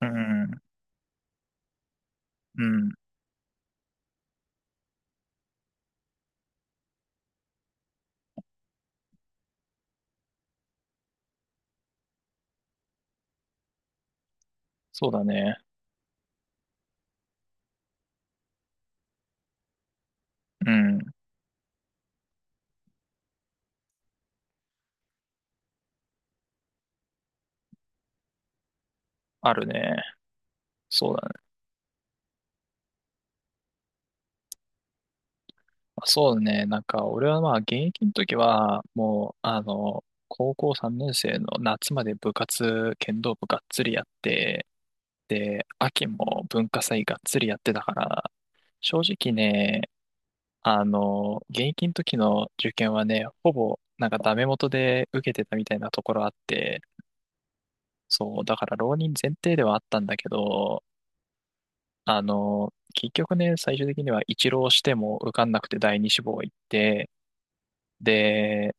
うん、うん、そうだね。うん、あるね。そうだね。まあそうだね。なんか、俺はまあ、現役の時は、もう、高校3年生の夏まで部活、剣道部がっつりやって、で、秋も文化祭がっつりやってたから、正直ね、現役の時の受験はね、ほぼ、なんかダメ元で受けてたみたいなところあって、そう、だから浪人前提ではあったんだけど、結局ね、最終的には一浪しても受かんなくて第二志望行って、で、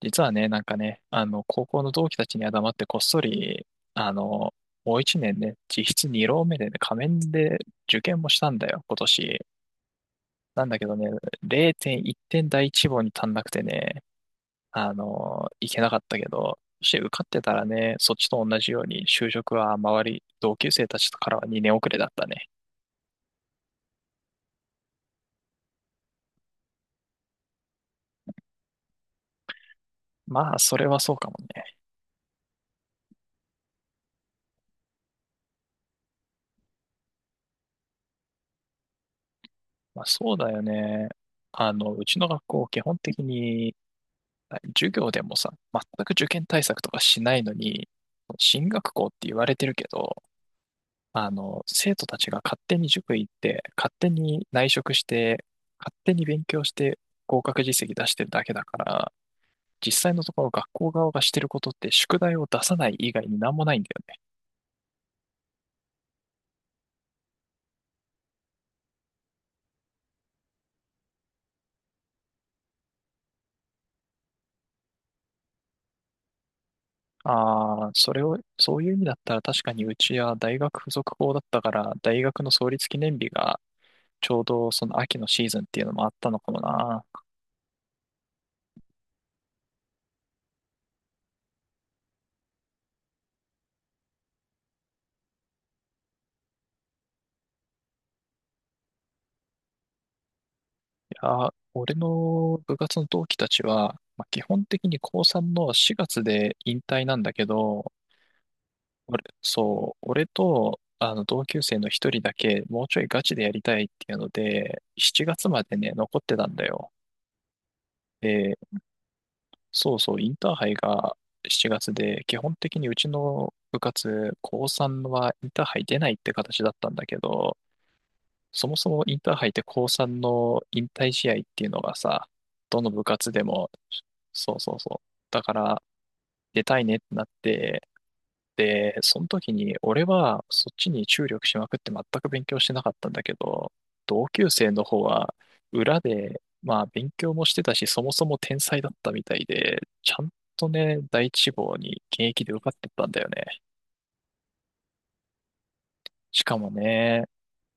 実はね、なんかね、高校の同期たちには黙ってこっそり、あの、もう一年ね、実質二浪目でね、仮面で受験もしたんだよ、今年。なんだけどね、0.1点第一志望に足んなくてね、行けなかったけど、そして受かってたらね、そっちと同じように就職は周り、同級生たちからは二年遅れだったね。まあ、それはそうかもね。まあ、そうだよね。うちの学校、基本的に、授業でもさ、全く受験対策とかしないのに、進学校って言われてるけど、生徒たちが勝手に塾行って、勝手に内職して、勝手に勉強して、合格実績出してるだけだから、実際のところ学校側がしてることって宿題を出さない以外になんもないんだよね。ああ、それを、そういう意味だったら確かにうちは大学附属校だったから、大学の創立記念日がちょうどその秋のシーズンっていうのもあったのかもな。いや、俺の部活の同期たちは、まあ、基本的に高3の4月で引退なんだけど、俺、そう、俺とあの同級生の一人だけもうちょいガチでやりたいっていうので、7月までね、残ってたんだよ。で、そうそう、インターハイが7月で、基本的にうちの部活、高3はインターハイ出ないって形だったんだけど、そもそもインターハイって高3の引退試合っていうのがさ、どの部活でも、そうそうそう。だから、出たいねってなって、で、その時に俺はそっちに注力しまくって全く勉強してなかったんだけど、同級生の方は裏で、まあ勉強もしてたし、そもそも天才だったみたいで、ちゃんとね、第一志望に現役で受かってったんだよね。しかもね、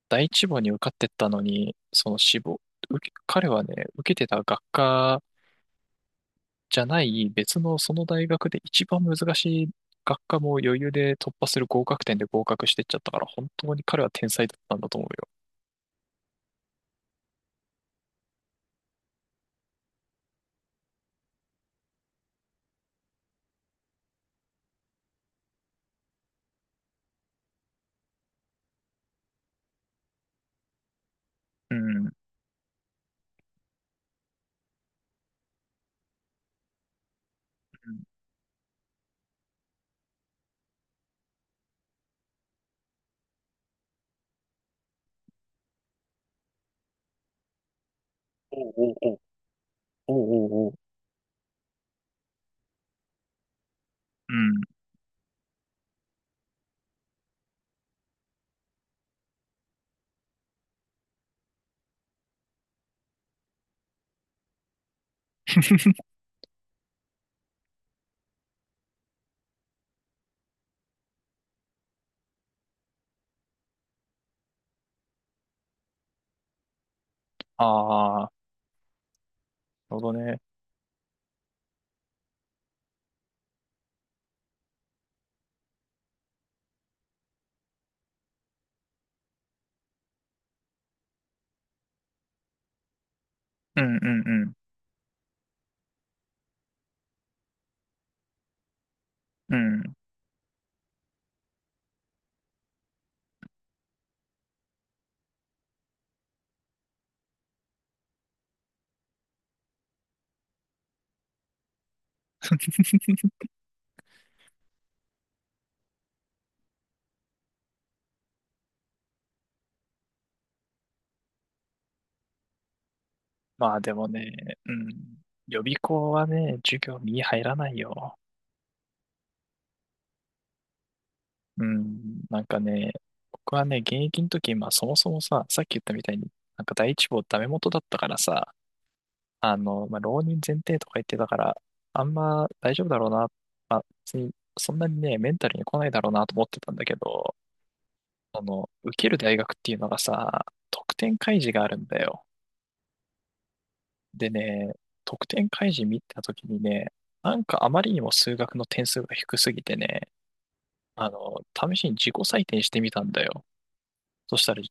第一志望に受かってったのに、その志望、彼はね、受けてた学科じゃない別のその大学で一番難しい学科も余裕で突破する合格点で合格してっちゃったから、本当に彼は天才だったんだと思うよ。うん。うん、おう、おう、おう、おう、おう、おう、うん。ああ、なるほどね。うんうんうん。うん。まあでもね、うん。予備校はね、授業に入らないよ。うん、なんかね、僕はね、現役の時、まあそもそもさ、さっき言ったみたいに、なんか第一志望ダメ元だったからさ、まあ浪人前提とか言ってたから、あんま大丈夫だろうな、まあ別にそんなにね、メンタルに来ないだろうなと思ってたんだけど、受ける大学っていうのがさ、得点開示があるんだよ。でね、得点開示見た時にね、なんかあまりにも数学の点数が低すぎてね、あの、試しに自己採点してみたんだよ。そしたら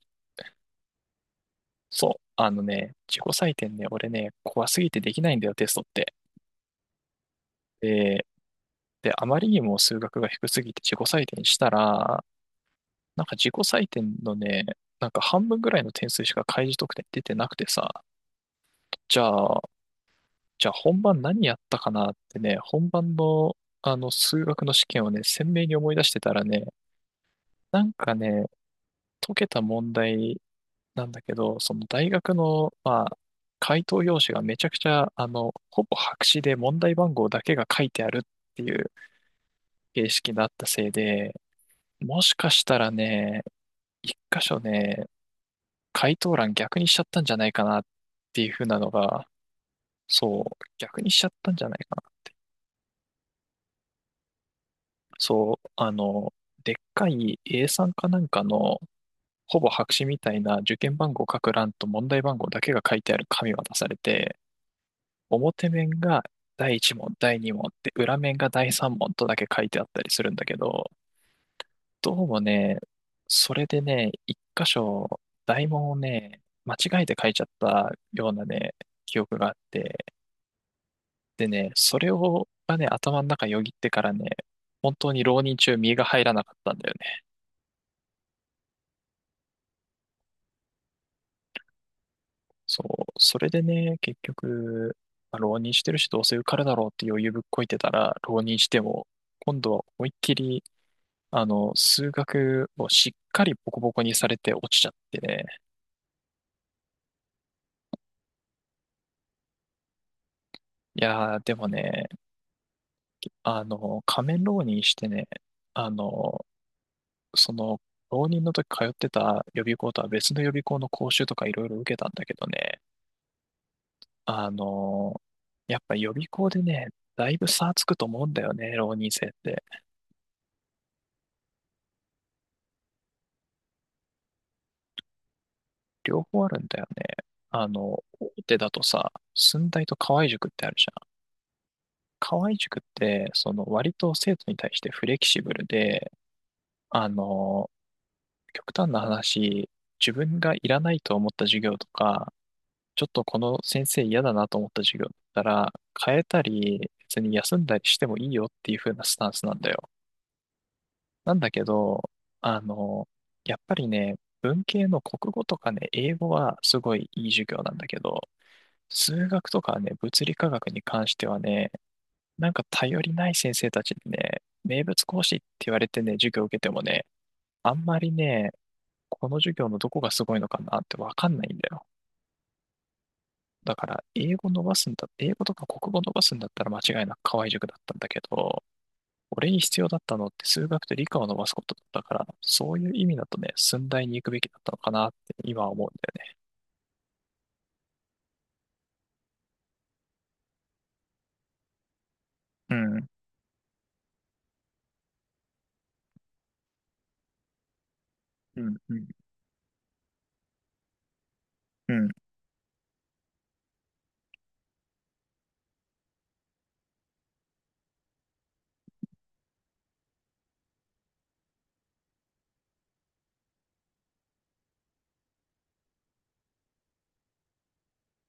そう。あのね、自己採点ね、俺ね、怖すぎてできないんだよ、テストって。で、あまりにも数学が低すぎて自己採点したら、なんか自己採点のね、なんか半分ぐらいの点数しか開示得点出てなくてさ、じゃあ、本番何やったかなってね、本番のあの数学の試験をね、鮮明に思い出してたらね、なんかね、解けた問題なんだけど、その大学の、まあ、回答用紙がめちゃくちゃ、ほぼ白紙で問題番号だけが書いてあるっていう形式だったせいで、もしかしたらね、一箇所ね、回答欄逆にしちゃったんじゃないかなっていうふうなのが、そう、逆にしちゃったんじゃないかな。そう、でっかい a んかなんかの、ほぼ白紙みたいな受験番号書く欄と問題番号だけが書いてある紙渡されて、表面が第1問、第2問って、裏面が第3問とだけ書いてあったりするんだけど、どうもね、それでね、一箇所、大問をね、間違えて書いちゃったようなね、記憶があって、でね、それを、がね、頭の中よぎってからね、本当に浪人中、身が入らなかったんだよね。そう、それでね、結局、まあ浪人してるし、どうせ受かるだろうって余裕ぶっこいてたら、浪人しても、今度は思いっきり数学をしっかりボコボコにされて落ちちゃってね。いやー、でもね、仮面浪人してね、あの、その、浪人の時通ってた予備校とは別の予備校の講習とかいろいろ受けたんだけどね、あの、やっぱ予備校でね、だいぶ差つくと思うんだよね、浪人生って。両方あるんだよね。大手だとさ、駿台と河合塾ってあるじゃん。河合塾って、その割と生徒に対してフレキシブルで、あの、極端な話、自分がいらないと思った授業とか、ちょっとこの先生嫌だなと思った授業だったら、変えたり、別に休んだりしてもいいよっていう風なスタンスなんだよ。なんだけど、あの、やっぱりね、文系の国語とかね、英語はすごいいい授業なんだけど、数学とかね、物理科学に関してはね、なんか頼りない先生たちにね、名物講師って言われてね、授業を受けてもね、あんまりね、この授業のどこがすごいのかなってわかんないんだよ。だから、英語伸ばすんだ、英語とか国語伸ばすんだったら間違いなく河合塾だったんだけど、俺に必要だったのって数学と理科を伸ばすことだったから、そういう意味だとね、駿大に行くべきだったのかなって今は思うんだよね。うん、うん、うん、うん。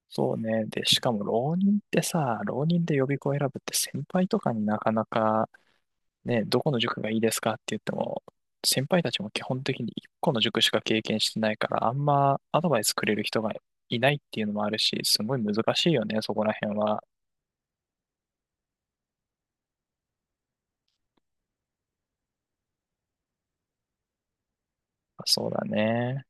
そうね。で、しかも浪人ってさ、浪人で予備校選ぶって先輩とかになかなかね、どこの塾がいいですかって言っても、先輩たちも基本的に1個の塾しか経験してないから、あんまアドバイスくれる人がいないっていうのもあるし、すごい難しいよね、そこら辺は。そうだね。